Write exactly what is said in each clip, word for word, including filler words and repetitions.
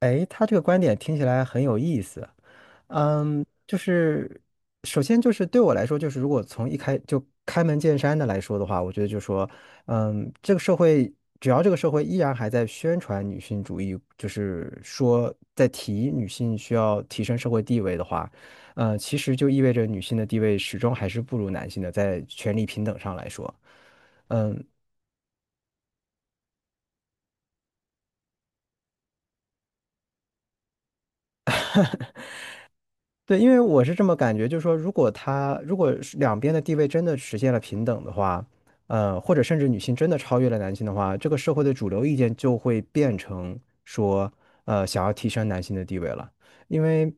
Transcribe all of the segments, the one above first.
哎，他这个观点听起来很有意思。嗯，就是首先就是对我来说，就是如果从一开就开门见山的来说的话，我觉得就说，嗯，这个社会只要这个社会依然还在宣传女性主义，就是说在提女性需要提升社会地位的话，嗯，其实就意味着女性的地位始终还是不如男性的，在权力平等上来说。嗯。对，因为我是这么感觉，就是说，如果他如果是两边的地位真的实现了平等的话，呃，或者甚至女性真的超越了男性的话，这个社会的主流意见就会变成说，呃，想要提升男性的地位了，因为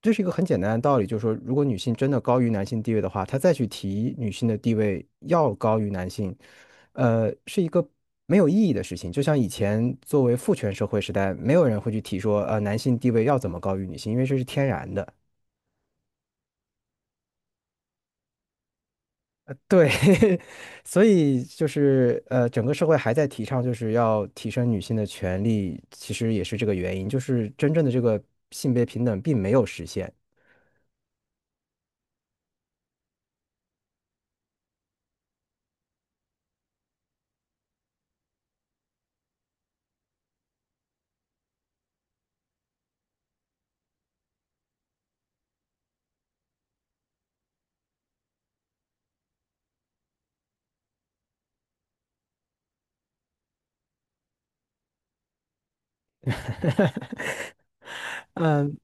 这是一个很简单的道理，就是说，如果女性真的高于男性地位的话，她再去提女性的地位要高于男性，呃，是一个没有意义的事情。就像以前作为父权社会时代，没有人会去提说，呃，男性地位要怎么高于女性，因为这是天然的。对，所以就是呃，整个社会还在提倡就是要提升女性的权利，其实也是这个原因，就是真正的这个性别平等并没有实现。嗯。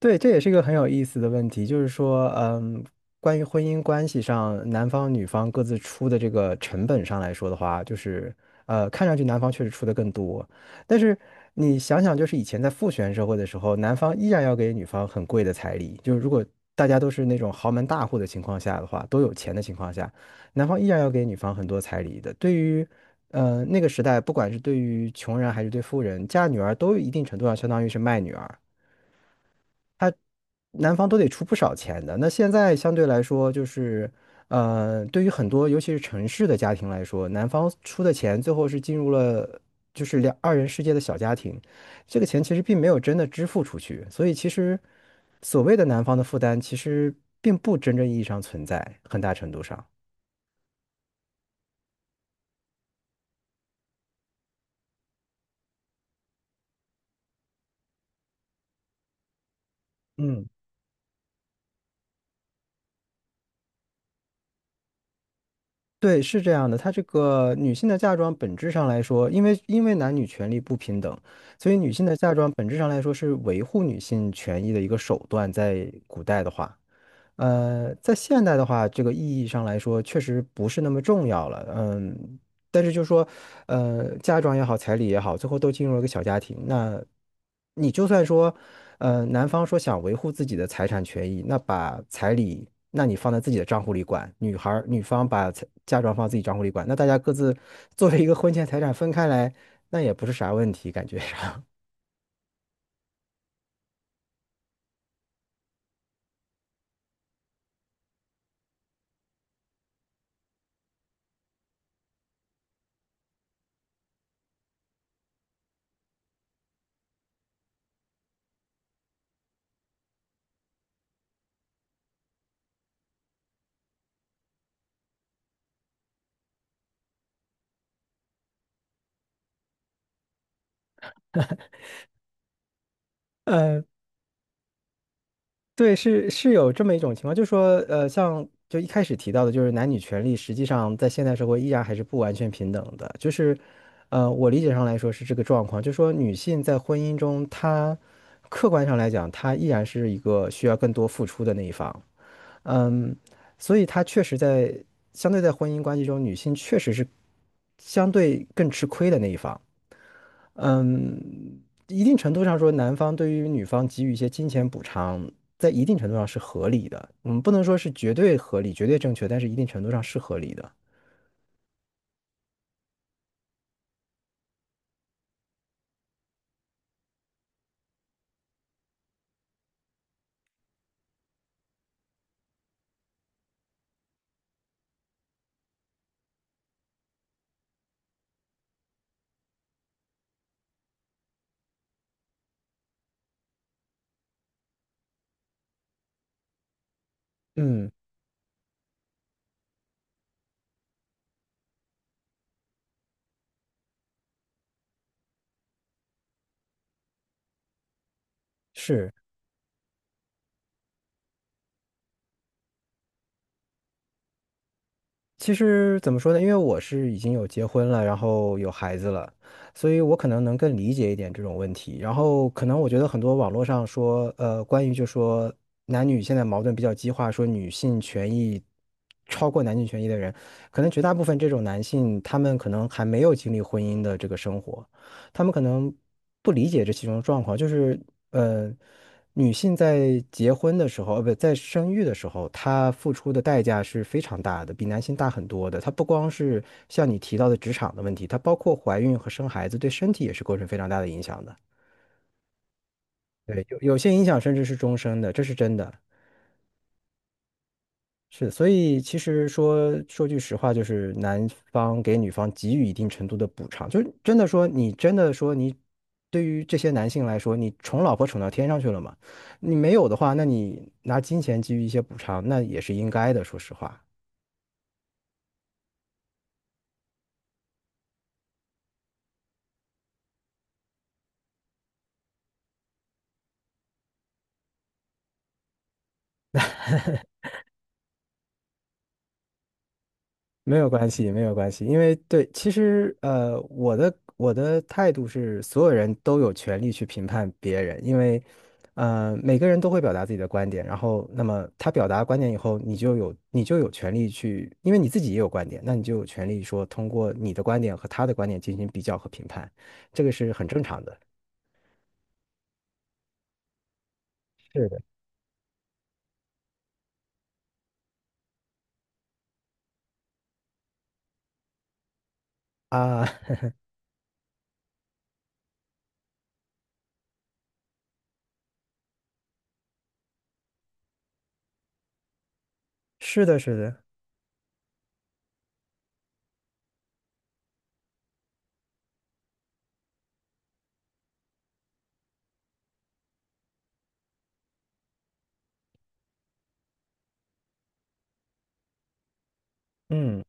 对，这也是一个很有意思的问题，就是说，嗯，关于婚姻关系上，男方女方各自出的这个成本上来说的话，就是，呃，看上去男方确实出的更多，但是你想想，就是以前在父权社会的时候，男方依然要给女方很贵的彩礼，就是如果大家都是那种豪门大户的情况下的话，都有钱的情况下，男方依然要给女方很多彩礼的。对于，呃，那个时代，不管是对于穷人还是对富人，嫁女儿都一定程度上相当于是卖女儿。男方都得出不少钱的。那现在相对来说，就是，呃，对于很多尤其是城市的家庭来说，男方出的钱最后是进入了就是两二人世界的小家庭，这个钱其实并没有真的支付出去，所以其实所谓的男方的负担，其实并不真正意义上存在，很大程度上。嗯。对，是这样的，它这个女性的嫁妆本质上来说，因为因为男女权利不平等，所以女性的嫁妆本质上来说是维护女性权益的一个手段，在古代的话。呃，在现代的话，这个意义上来说，确实不是那么重要了。嗯，但是就是说，呃，嫁妆也好，彩礼也好，最后都进入了一个小家庭。那你就算说，呃，男方说想维护自己的财产权益，那把彩礼，那你放在自己的账户里管，女孩儿女方把彩嫁妆放自己账户里管，那大家各自作为一个婚前财产分开来，那也不是啥问题，感觉上。对，是是有这么一种情况，就是说，呃，像就一开始提到的，就是男女权利实际上在现代社会依然还是不完全平等的。就是，呃，我理解上来说是这个状况，就是说女性在婚姻中，她客观上来讲，她依然是一个需要更多付出的那一方。嗯，所以她确实在相对在婚姻关系中，女性确实是相对更吃亏的那一方。嗯，一定程度上说，男方对于女方给予一些金钱补偿，在一定程度上是合理的。我们不能说是绝对合理、绝对正确，但是一定程度上是合理的。嗯，是。其实怎么说呢？因为我是已经有结婚了，然后有孩子了，所以我可能能更理解一点这种问题。然后可能我觉得很多网络上说，呃，关于就说男女现在矛盾比较激化，说女性权益超过男性权益的人，可能绝大部分这种男性，他们可能还没有经历婚姻的这个生活，他们可能不理解这其中的状况，就是呃，女性在结婚的时候，呃，不，在生育的时候，她付出的代价是非常大的，比男性大很多的。她不光是像你提到的职场的问题，她包括怀孕和生孩子，对身体也是构成非常大的影响的。对，有有些影响甚至是终身的，这是真的。是，所以其实说说句实话，就是男方给女方给予一定程度的补偿，就是真的说你真的说你对于这些男性来说，你宠老婆宠到天上去了嘛？你没有的话，那你拿金钱给予一些补偿，那也是应该的，说实话。没有关系，没有关系，因为对，其实呃，我的我的态度是，所有人都有权利去评判别人，因为呃，每个人都会表达自己的观点，然后那么他表达观点以后，你就有你就有权利去，因为你自己也有观点，那你就有权利说通过你的观点和他的观点进行比较和评判，这个是很正常的。是的。啊，是的，是的，嗯，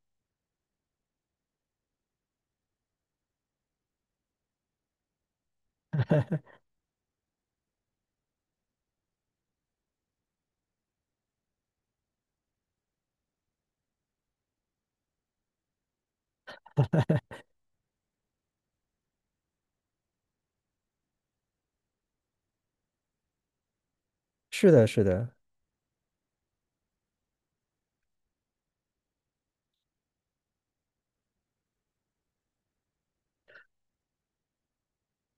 是的，是的。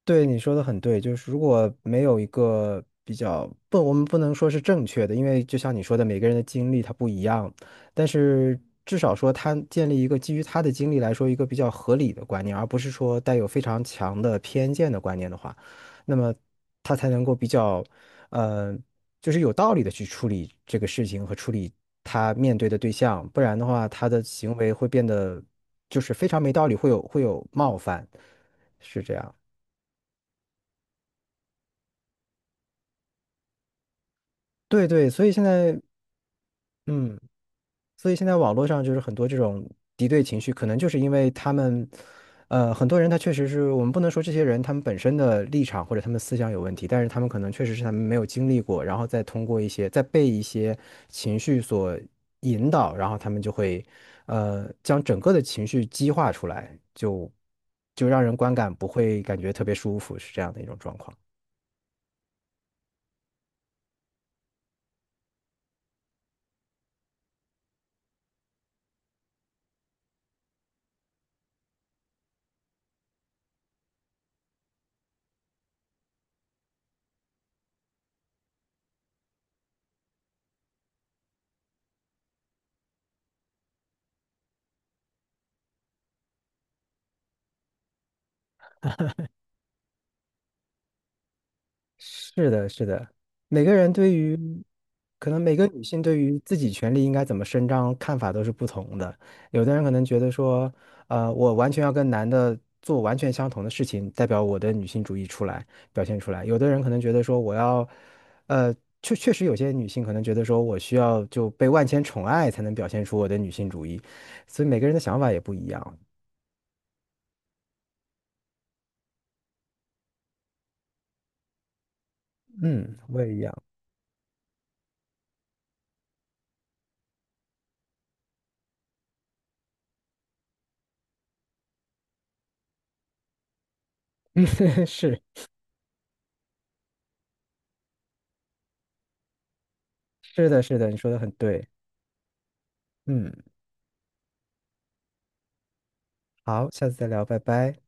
对，你说的很对，就是如果没有一个比较，不，我们不能说是正确的，因为就像你说的，每个人的经历他不一样，但是至少说他建立一个基于他的经历来说一个比较合理的观念，而不是说带有非常强的偏见的观念的话，那么他才能够比较，呃，就是有道理的去处理这个事情和处理他面对的对象，不然的话，他的行为会变得就是非常没道理，会有会有冒犯，是这样。对对，所以现在，嗯，所以现在网络上就是很多这种敌对情绪，可能就是因为他们，呃，很多人他确实是我们不能说这些人他们本身的立场或者他们思想有问题，但是他们可能确实是他们没有经历过，然后再通过一些再被一些情绪所引导，然后他们就会，呃，将整个的情绪激化出来，就就让人观感不会感觉特别舒服，是这样的一种状况。每个人对于，可能每个女性对于自己权利应该怎么伸张看法都是不同的。有的人可能觉得说，呃，我完全要跟男的做完全相同的事情，代表我的女性主义出来，表现出来。有的人可能觉得说，我要，呃，确确实有些女性可能觉得说我需要就被万千宠爱才能表现出我的女性主义，所以每个人的想法也不一样。嗯，我也 是是的，是的，你说的很对。嗯，好，下次再聊，拜拜。